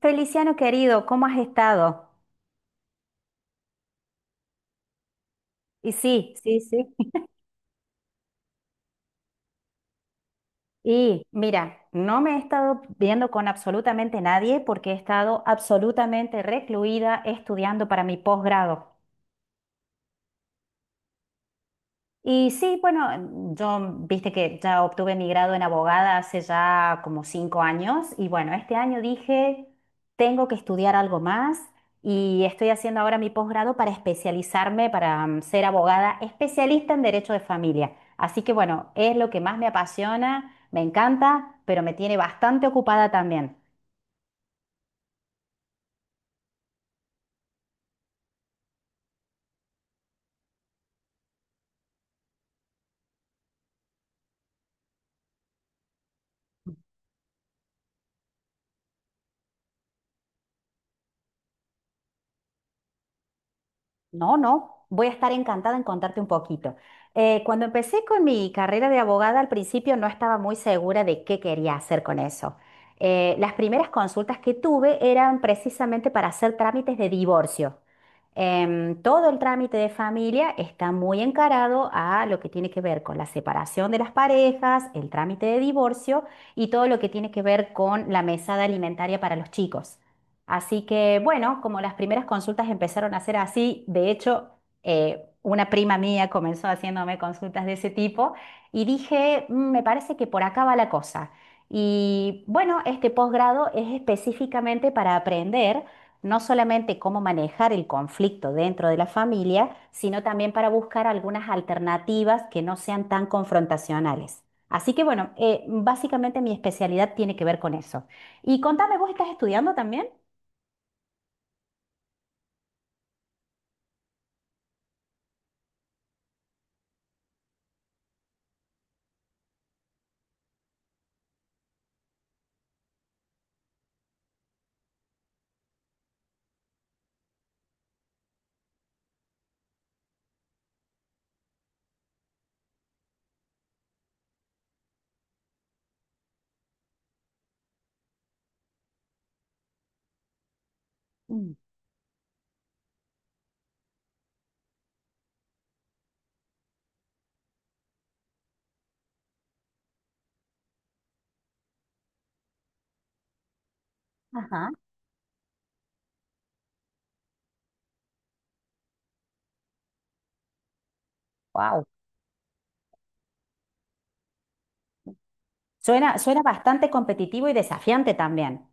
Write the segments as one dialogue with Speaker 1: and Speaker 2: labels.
Speaker 1: Feliciano querido, ¿cómo has estado? Y sí, sí, sí. Y mira, no me he estado viendo con absolutamente nadie porque he estado absolutamente recluida estudiando para mi posgrado. Y sí, bueno, yo viste que ya obtuve mi grado en abogada hace ya como 5 años y bueno, este año dije, tengo que estudiar algo más y estoy haciendo ahora mi posgrado para especializarme, para ser abogada especialista en derecho de familia. Así que bueno, es lo que más me apasiona, me encanta, pero me tiene bastante ocupada también. No, no, voy a estar encantada en contarte un poquito. Cuando empecé con mi carrera de abogada, al principio no estaba muy segura de qué quería hacer con eso. Las primeras consultas que tuve eran precisamente para hacer trámites de divorcio. Todo el trámite de familia está muy encarado a lo que tiene que ver con la separación de las parejas, el trámite de divorcio y todo lo que tiene que ver con la mesada alimentaria para los chicos. Así que bueno, como las primeras consultas empezaron a ser así, de hecho, una prima mía comenzó haciéndome consultas de ese tipo y dije, "Mm, me parece que por acá va la cosa. Y bueno, este posgrado es específicamente para aprender no solamente cómo manejar el conflicto dentro de la familia, sino también para buscar algunas alternativas que no sean tan confrontacionales. Así que bueno, básicamente mi especialidad tiene que ver con eso. Y contame, ¿vos estás estudiando también? Mm. Ajá. Wow. Suena, suena bastante competitivo y desafiante también.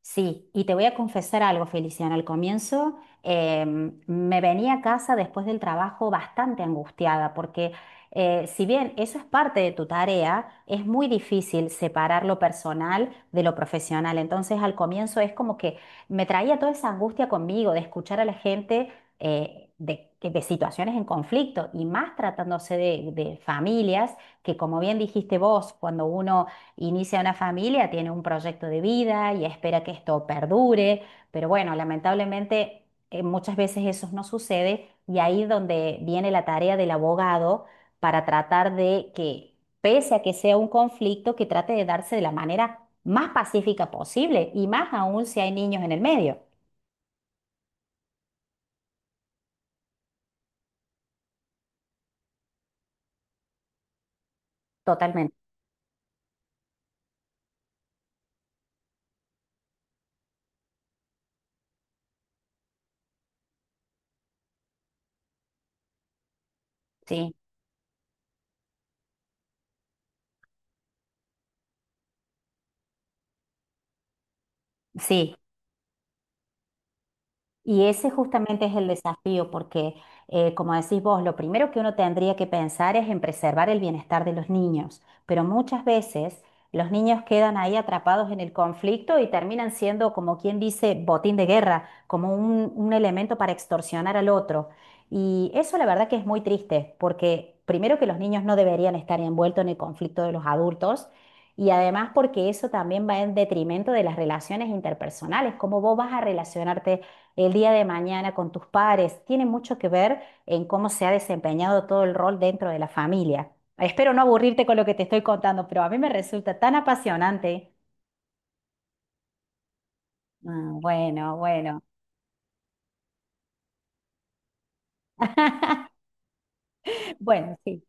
Speaker 1: Sí, y te voy a confesar algo, Feliciana. Al comienzo me venía a casa después del trabajo bastante angustiada porque si bien eso es parte de tu tarea, es muy difícil separar lo personal de lo profesional. Entonces al comienzo es como que me traía toda esa angustia conmigo de escuchar a la gente de situaciones en conflicto y más tratándose de familias que, como bien dijiste vos, cuando uno inicia una familia, tiene un proyecto de vida y espera que esto perdure, pero bueno, lamentablemente muchas veces eso no sucede y ahí es donde viene la tarea del abogado para tratar de que, pese a que sea un conflicto, que trate de darse de la manera más pacífica posible y más aún si hay niños en el medio. Totalmente, sí, sí. Y ese justamente es el desafío, porque como decís vos, lo primero que uno tendría que pensar es en preservar el bienestar de los niños, pero muchas veces los niños quedan ahí atrapados en el conflicto y terminan siendo, como quien dice, botín de guerra, como un elemento para extorsionar al otro. Y eso la verdad que es muy triste, porque primero que los niños no deberían estar envueltos en el conflicto de los adultos. Y además porque eso también va en detrimento de las relaciones interpersonales, cómo vos vas a relacionarte el día de mañana con tus pares. Tiene mucho que ver en cómo se ha desempeñado todo el rol dentro de la familia. Espero no aburrirte con lo que te estoy contando, pero a mí me resulta tan apasionante. Ah, bueno, bueno, bueno, sí.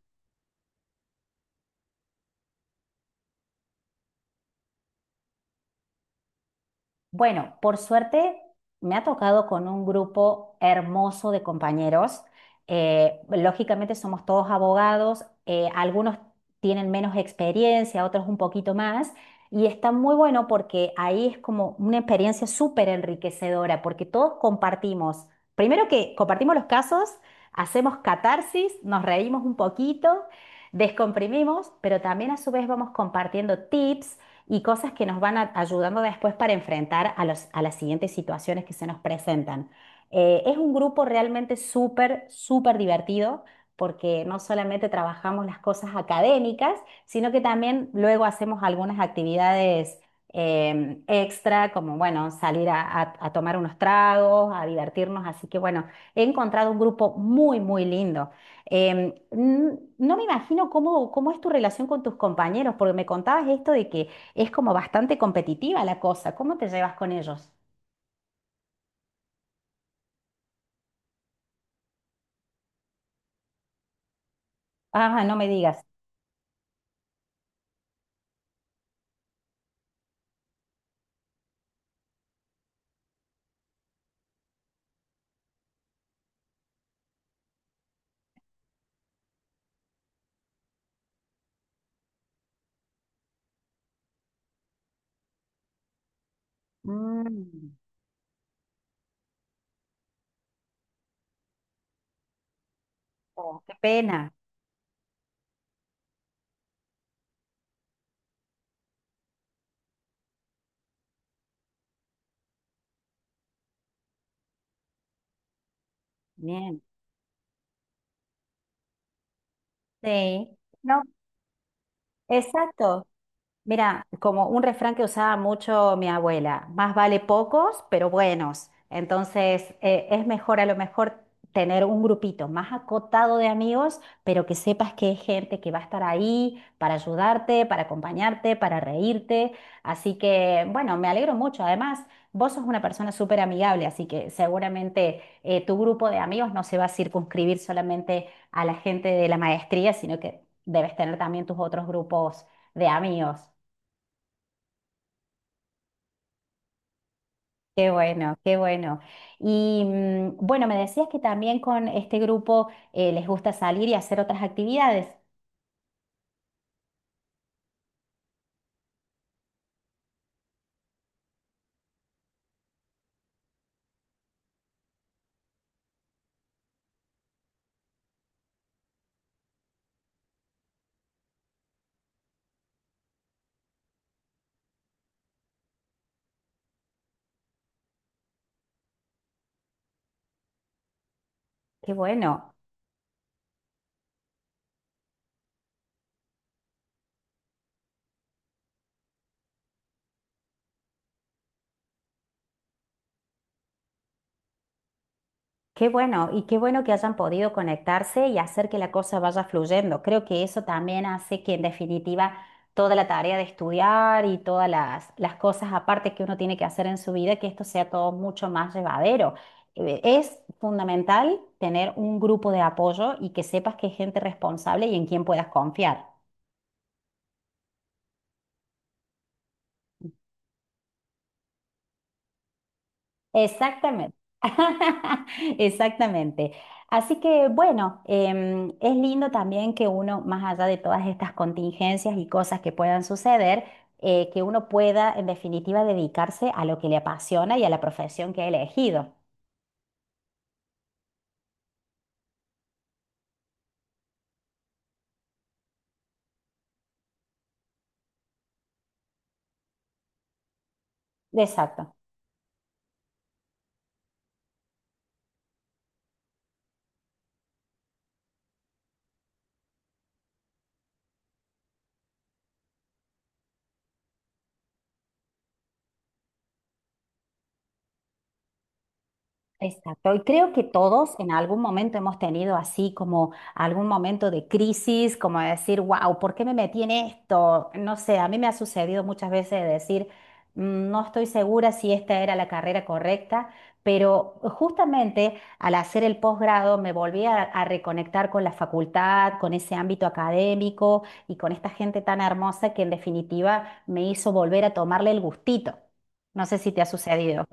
Speaker 1: Bueno, por suerte me ha tocado con un grupo hermoso de compañeros. Lógicamente somos todos abogados, algunos tienen menos experiencia, otros un poquito más, y está muy bueno porque ahí es como una experiencia súper enriquecedora, porque todos compartimos, primero que compartimos los casos, hacemos catarsis, nos reímos un poquito, descomprimimos, pero también a su vez vamos compartiendo tips y cosas que nos van a- ayudando después para enfrentar a los- a las siguientes situaciones que se nos presentan. Es un grupo realmente súper, súper divertido porque no solamente trabajamos las cosas académicas, sino que también luego hacemos algunas actividades extra, como bueno, salir a tomar unos tragos, a divertirnos. Así que bueno, he encontrado un grupo muy, muy lindo. N- no me imagino cómo, cómo es tu relación con tus compañeros, porque me contabas esto de que es como bastante competitiva la cosa. ¿Cómo te llevas con ellos? Ah, no me digas. Mm. Oh, qué pena. Bien. Sí. No, exacto. Mira, como un refrán que usaba mucho mi abuela, más vale pocos, pero buenos. Entonces, es mejor a lo mejor tener un grupito más acotado de amigos, pero que sepas que es gente que va a estar ahí para ayudarte, para acompañarte, para reírte. Así que, bueno, me alegro mucho. Además, vos sos una persona súper amigable, así que seguramente tu grupo de amigos no se va a circunscribir solamente a la gente de la maestría, sino que debes tener también tus otros grupos de amigos. Qué bueno, qué bueno. Y bueno, me decías que también con este grupo les gusta salir y hacer otras actividades. Qué bueno, qué bueno. Y qué bueno que hayan podido conectarse y hacer que la cosa vaya fluyendo. Creo que eso también hace que en definitiva toda la tarea de estudiar y todas las cosas aparte que uno tiene que hacer en su vida, que esto sea todo mucho más llevadero. Es fundamental tener un grupo de apoyo y que sepas que es gente responsable y en quien puedas confiar. Exactamente. Exactamente. Así que bueno, es lindo también que uno, más allá de todas estas contingencias y cosas que puedan suceder, que uno pueda, en definitiva, dedicarse a lo que le apasiona y a la profesión que ha elegido. Exacto. Exacto, y creo que todos en algún momento hemos tenido así como algún momento de crisis, como de decir, wow, ¿por qué me metí en esto? No sé, a mí me ha sucedido muchas veces de decir, "Mm, no estoy segura si esta era la carrera correcta, pero justamente al hacer el posgrado me volví a reconectar con la facultad, con ese ámbito académico y con esta gente tan hermosa que en definitiva me hizo volver a tomarle el gustito. No sé si te ha sucedido.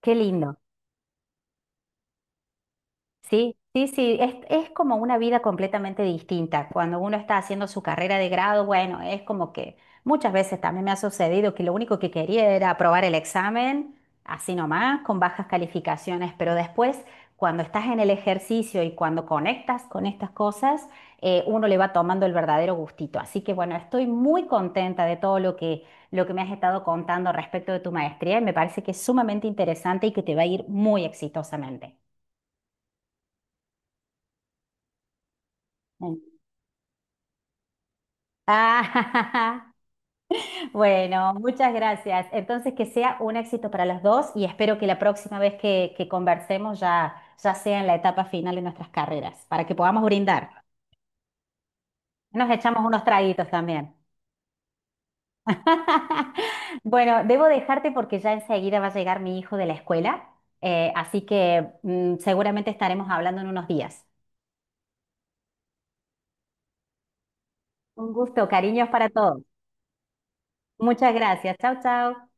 Speaker 1: Qué lindo. Sí, sí, sí, es como una vida completamente distinta. Cuando uno está haciendo su carrera de grado, bueno, es como que muchas veces también me ha sucedido que lo único que quería era aprobar el examen, así nomás, con bajas calificaciones, pero después, cuando estás en el ejercicio y cuando conectas con estas cosas, uno le va tomando el verdadero gustito. Así que bueno, estoy muy contenta de todo lo que me has estado contando respecto de tu maestría y me parece que es sumamente interesante y que te va a ir muy exitosamente. Ah, bueno, muchas gracias. Entonces, que sea un éxito para los dos y espero que la próxima vez que conversemos ya, ya sea en la etapa final de nuestras carreras, para que podamos brindar. Nos echamos unos traguitos también. Bueno, debo dejarte porque ya enseguida va a llegar mi hijo de la escuela, así que seguramente estaremos hablando en unos días. Un gusto, cariños para todos. Muchas gracias. Chao, chao.